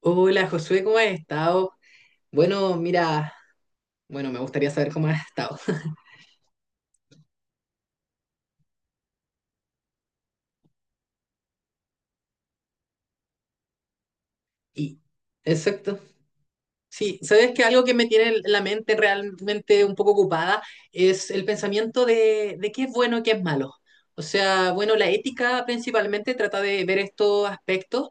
Hola Josué, ¿cómo has estado? Bueno, mira, bueno, me gustaría saber cómo has estado. Y, exacto. Sí, sabes que algo que me tiene la mente realmente un poco ocupada es el pensamiento de qué es bueno y qué es malo. O sea, bueno, la ética principalmente trata de ver estos aspectos.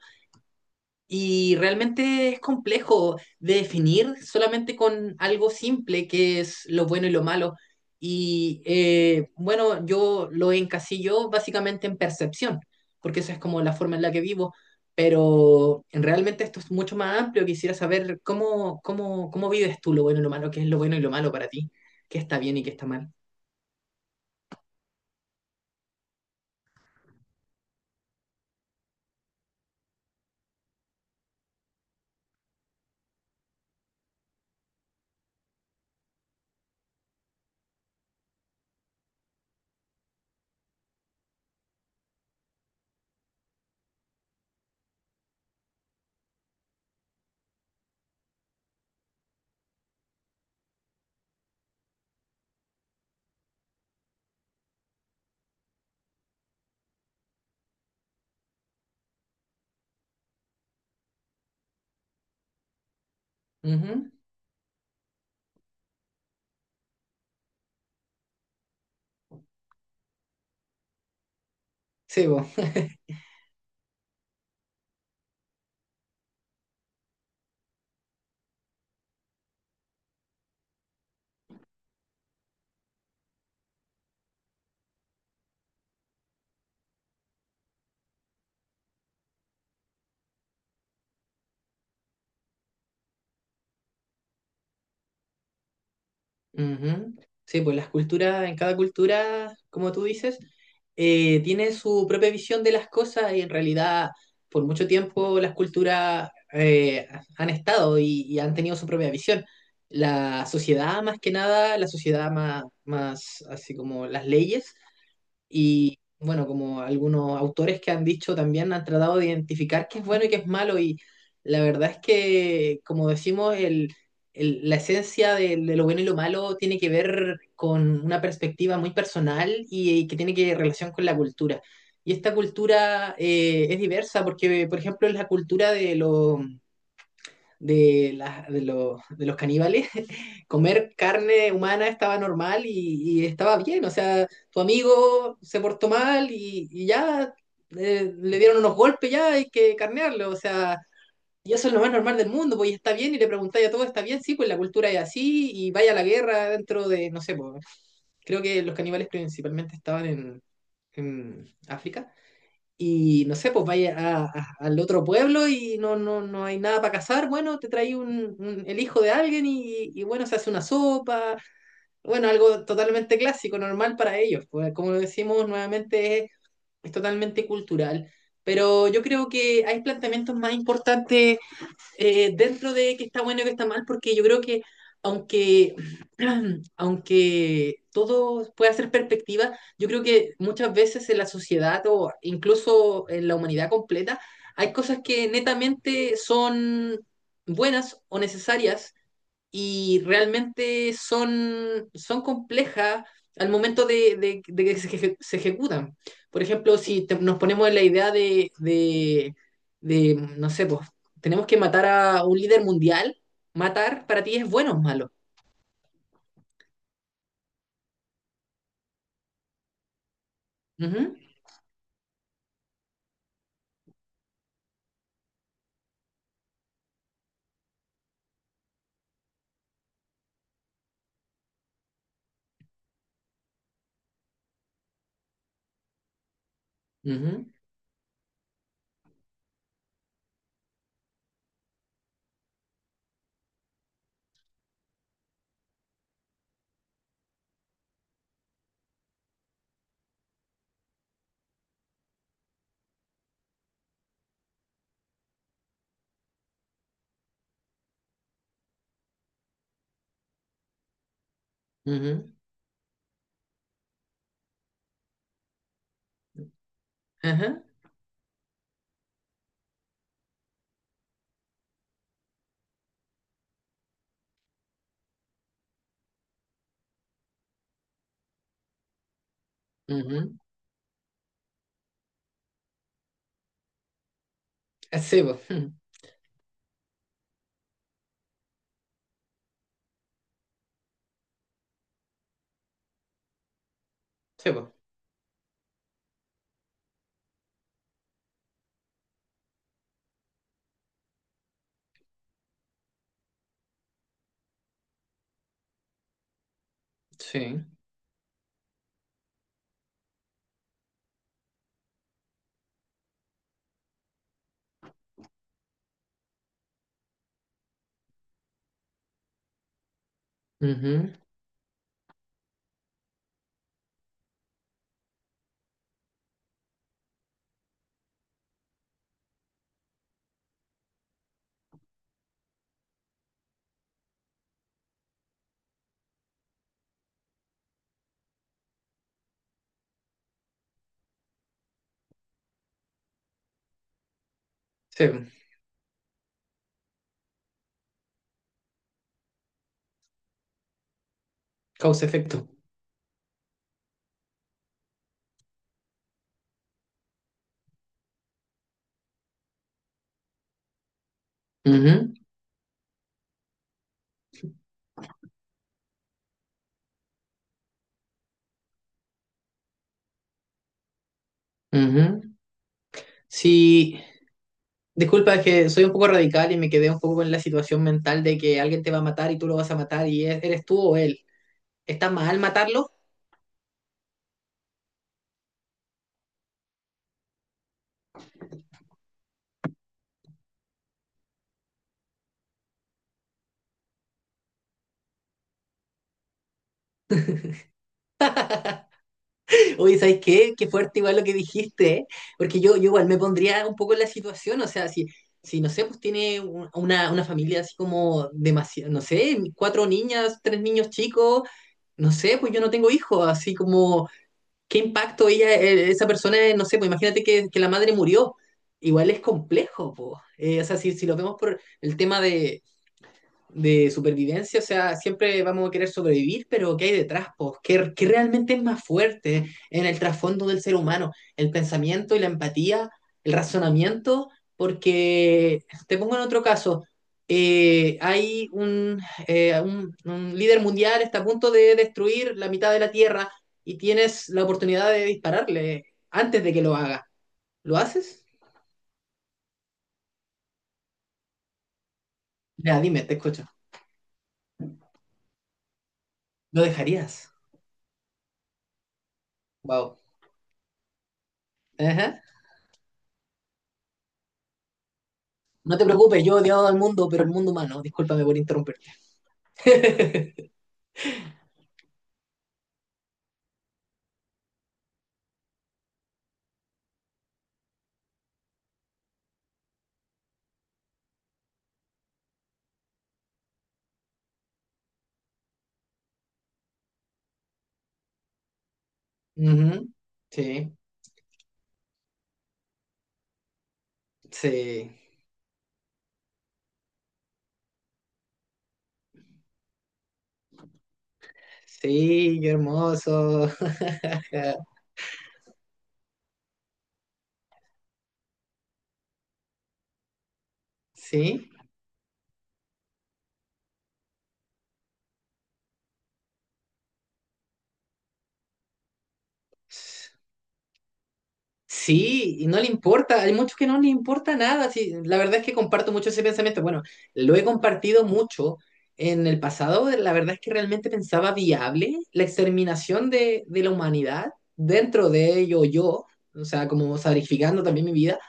Y realmente es complejo de definir solamente con algo simple, que es lo bueno y lo malo. Y bueno, yo lo encasillo básicamente en percepción, porque esa es como la forma en la que vivo. Pero realmente esto es mucho más amplio. Quisiera saber cómo vives tú lo bueno y lo malo, qué es lo bueno y lo malo para ti, qué está bien y qué está mal. Ujú. Sí, vos. Ujú. Sí, pues las culturas, en cada cultura, como tú dices, tiene su propia visión de las cosas y en realidad por mucho tiempo las culturas han estado y han tenido su propia visión. La sociedad, más que nada, la sociedad más así como las leyes. Y bueno, como algunos autores que han dicho también, han tratado de identificar qué es bueno y qué es malo. Y la verdad es que, como decimos, la esencia de lo bueno y lo malo tiene que ver con una perspectiva muy personal y que tiene que relación con la cultura. Y esta cultura es diversa porque, por ejemplo, es la cultura de los de, la- de los caníbales. Comer carne humana estaba normal y estaba bien. O sea, tu amigo se portó mal y ya le dieron unos golpes, ya hay que carnearlo. O sea, y eso es lo más normal del mundo, pues, y está bien, y le preguntáis a todo, está bien, sí, pues la cultura es así, y vaya a la guerra dentro de, no sé, pues, creo que los caníbales principalmente estaban en África. Y no sé, pues vaya al otro pueblo y no, no, no hay nada para cazar. Bueno, te trae un, el hijo de alguien y bueno, se hace una sopa. Bueno, algo totalmente clásico, normal para ellos. Pues, como lo decimos nuevamente, es totalmente cultural. Pero yo creo que hay planteamientos más importantes dentro de que está bueno y que está mal, porque yo creo que aunque, aunque todo pueda ser perspectiva, yo creo que muchas veces en la sociedad o incluso en la humanidad completa hay cosas que netamente son buenas o necesarias, y realmente son complejas al momento de que se ejecutan. Por ejemplo, si nos ponemos en la idea de, no sé, pues tenemos que matar a un líder mundial, matar para ti, ¿es bueno o malo? Ujú, ujú, ujú, ajá, ujú. Sí, po, mm, sí, po, sí, ujú, sí, po. Causa-efecto. Ujú, ujú. Sí. Disculpa, es que soy un poco radical y me quedé un poco con la situación mental de que alguien te va a matar y tú lo vas a matar, y eres tú o él. ¿Está mal matarlo? Oye, ¿sabes qué? Qué fuerte igual lo que dijiste, ¿eh? Porque yo igual me pondría un poco en la situación, o sea, si no sé, pues tiene una familia así como demasiado, no sé, cuatro niñas, tres niños chicos, no sé, pues yo no tengo hijos, así como qué impacto ella, esa persona, no sé, pues imagínate que, la madre murió. Igual es complejo, po. O sea, si lo vemos por el tema de supervivencia, o sea, siempre vamos a querer sobrevivir, pero ¿qué hay detrás? Pues, ¿qué realmente es más fuerte en el trasfondo del ser humano? El pensamiento y la empatía, el razonamiento. Porque te pongo en otro caso, hay un líder mundial, está a punto de destruir la mitad de la Tierra y tienes la oportunidad de dispararle antes de que lo haga. ¿Lo haces? Ya, dime, te escucho. ¿Lo dejarías? Wow. No te preocupes, yo he odiado al mundo, pero el mundo humano. Discúlpame por interrumpirte. Ujú, sí, sí. Sí, qué hermoso. Sí. Sí, y no le importa, hay muchos que no le importa nada. Sí, la verdad es que comparto mucho ese pensamiento. Bueno, lo he compartido mucho en el pasado. La verdad es que realmente pensaba viable la exterminación de la humanidad, dentro de ello yo, o sea, como sacrificando también mi vida,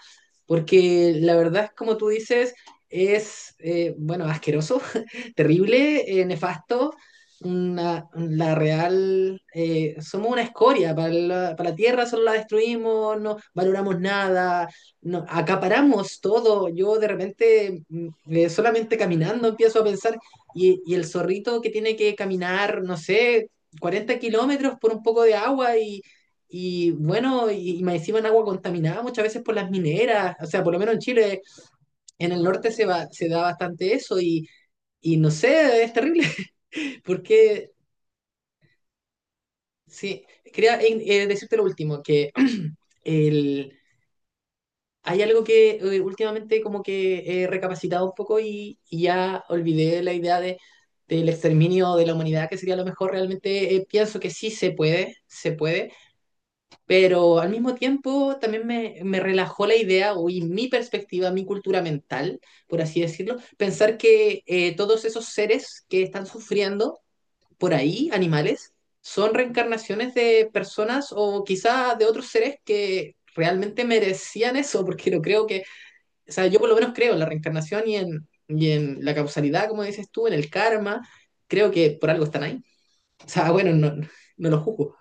porque la verdad es como tú dices, es, bueno, asqueroso, terrible, nefasto, la real, somos una escoria para la, tierra, solo la destruimos, no valoramos nada, no, acaparamos todo. Yo de repente, solamente caminando empiezo a pensar, y el zorrito que tiene que caminar, no sé, 40 kilómetros por un poco de agua, y, bueno, y más encima en agua contaminada muchas veces por las mineras, o sea, por lo menos en Chile, en el norte se da bastante eso, y, no sé, es terrible, porque sí. Quería decirte lo último, que el, hay algo que últimamente como que he recapacitado un poco, y, ya olvidé la idea de, del exterminio de la humanidad, que sería lo mejor. Realmente pienso que sí se puede, pero al mismo tiempo también me relajó la idea, o y mi perspectiva, mi cultura mental, por así decirlo, pensar que todos esos seres que están sufriendo por ahí, animales, son reencarnaciones de personas o quizás de otros seres que realmente merecían eso, porque lo creo que, o sea, yo por lo menos creo en la reencarnación y en la causalidad, como dices tú, en el karma. Creo que por algo están ahí. O sea, bueno, no, no lo juzgo.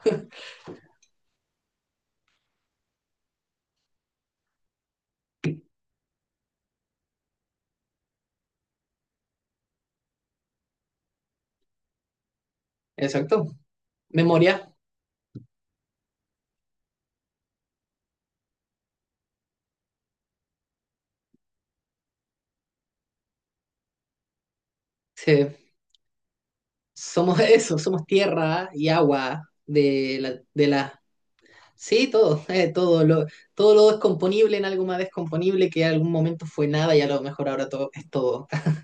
Exacto. Memoria. Sí. Somos eso, somos tierra y agua sí, todo, todo lo, descomponible en algo más descomponible que en algún momento fue nada, y a lo mejor ahora todo es todo.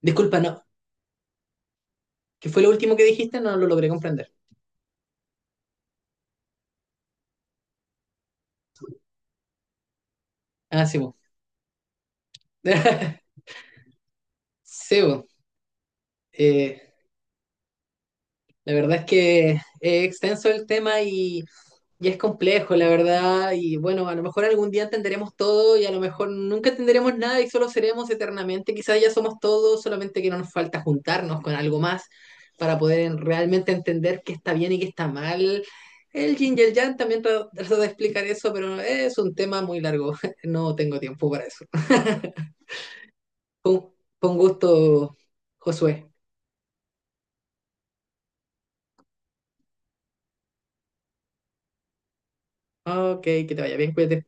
Disculpa, no, ¿qué fue lo último que dijiste? No lo logré comprender. Ah, sí, bo. Sí, bo. Eh, la verdad es que es extenso el tema, y es complejo, la verdad. Y bueno, a lo mejor algún día entenderemos todo, y a lo mejor nunca entenderemos nada y solo seremos eternamente, quizás ya somos todos, solamente que no nos falta juntarnos con algo más para poder realmente entender qué está bien y qué está mal. El yin y el yang también trato de explicar eso, pero es un tema muy largo, no tengo tiempo para eso. Con, con gusto, Josué. Ok, que te vaya bien, cuídate.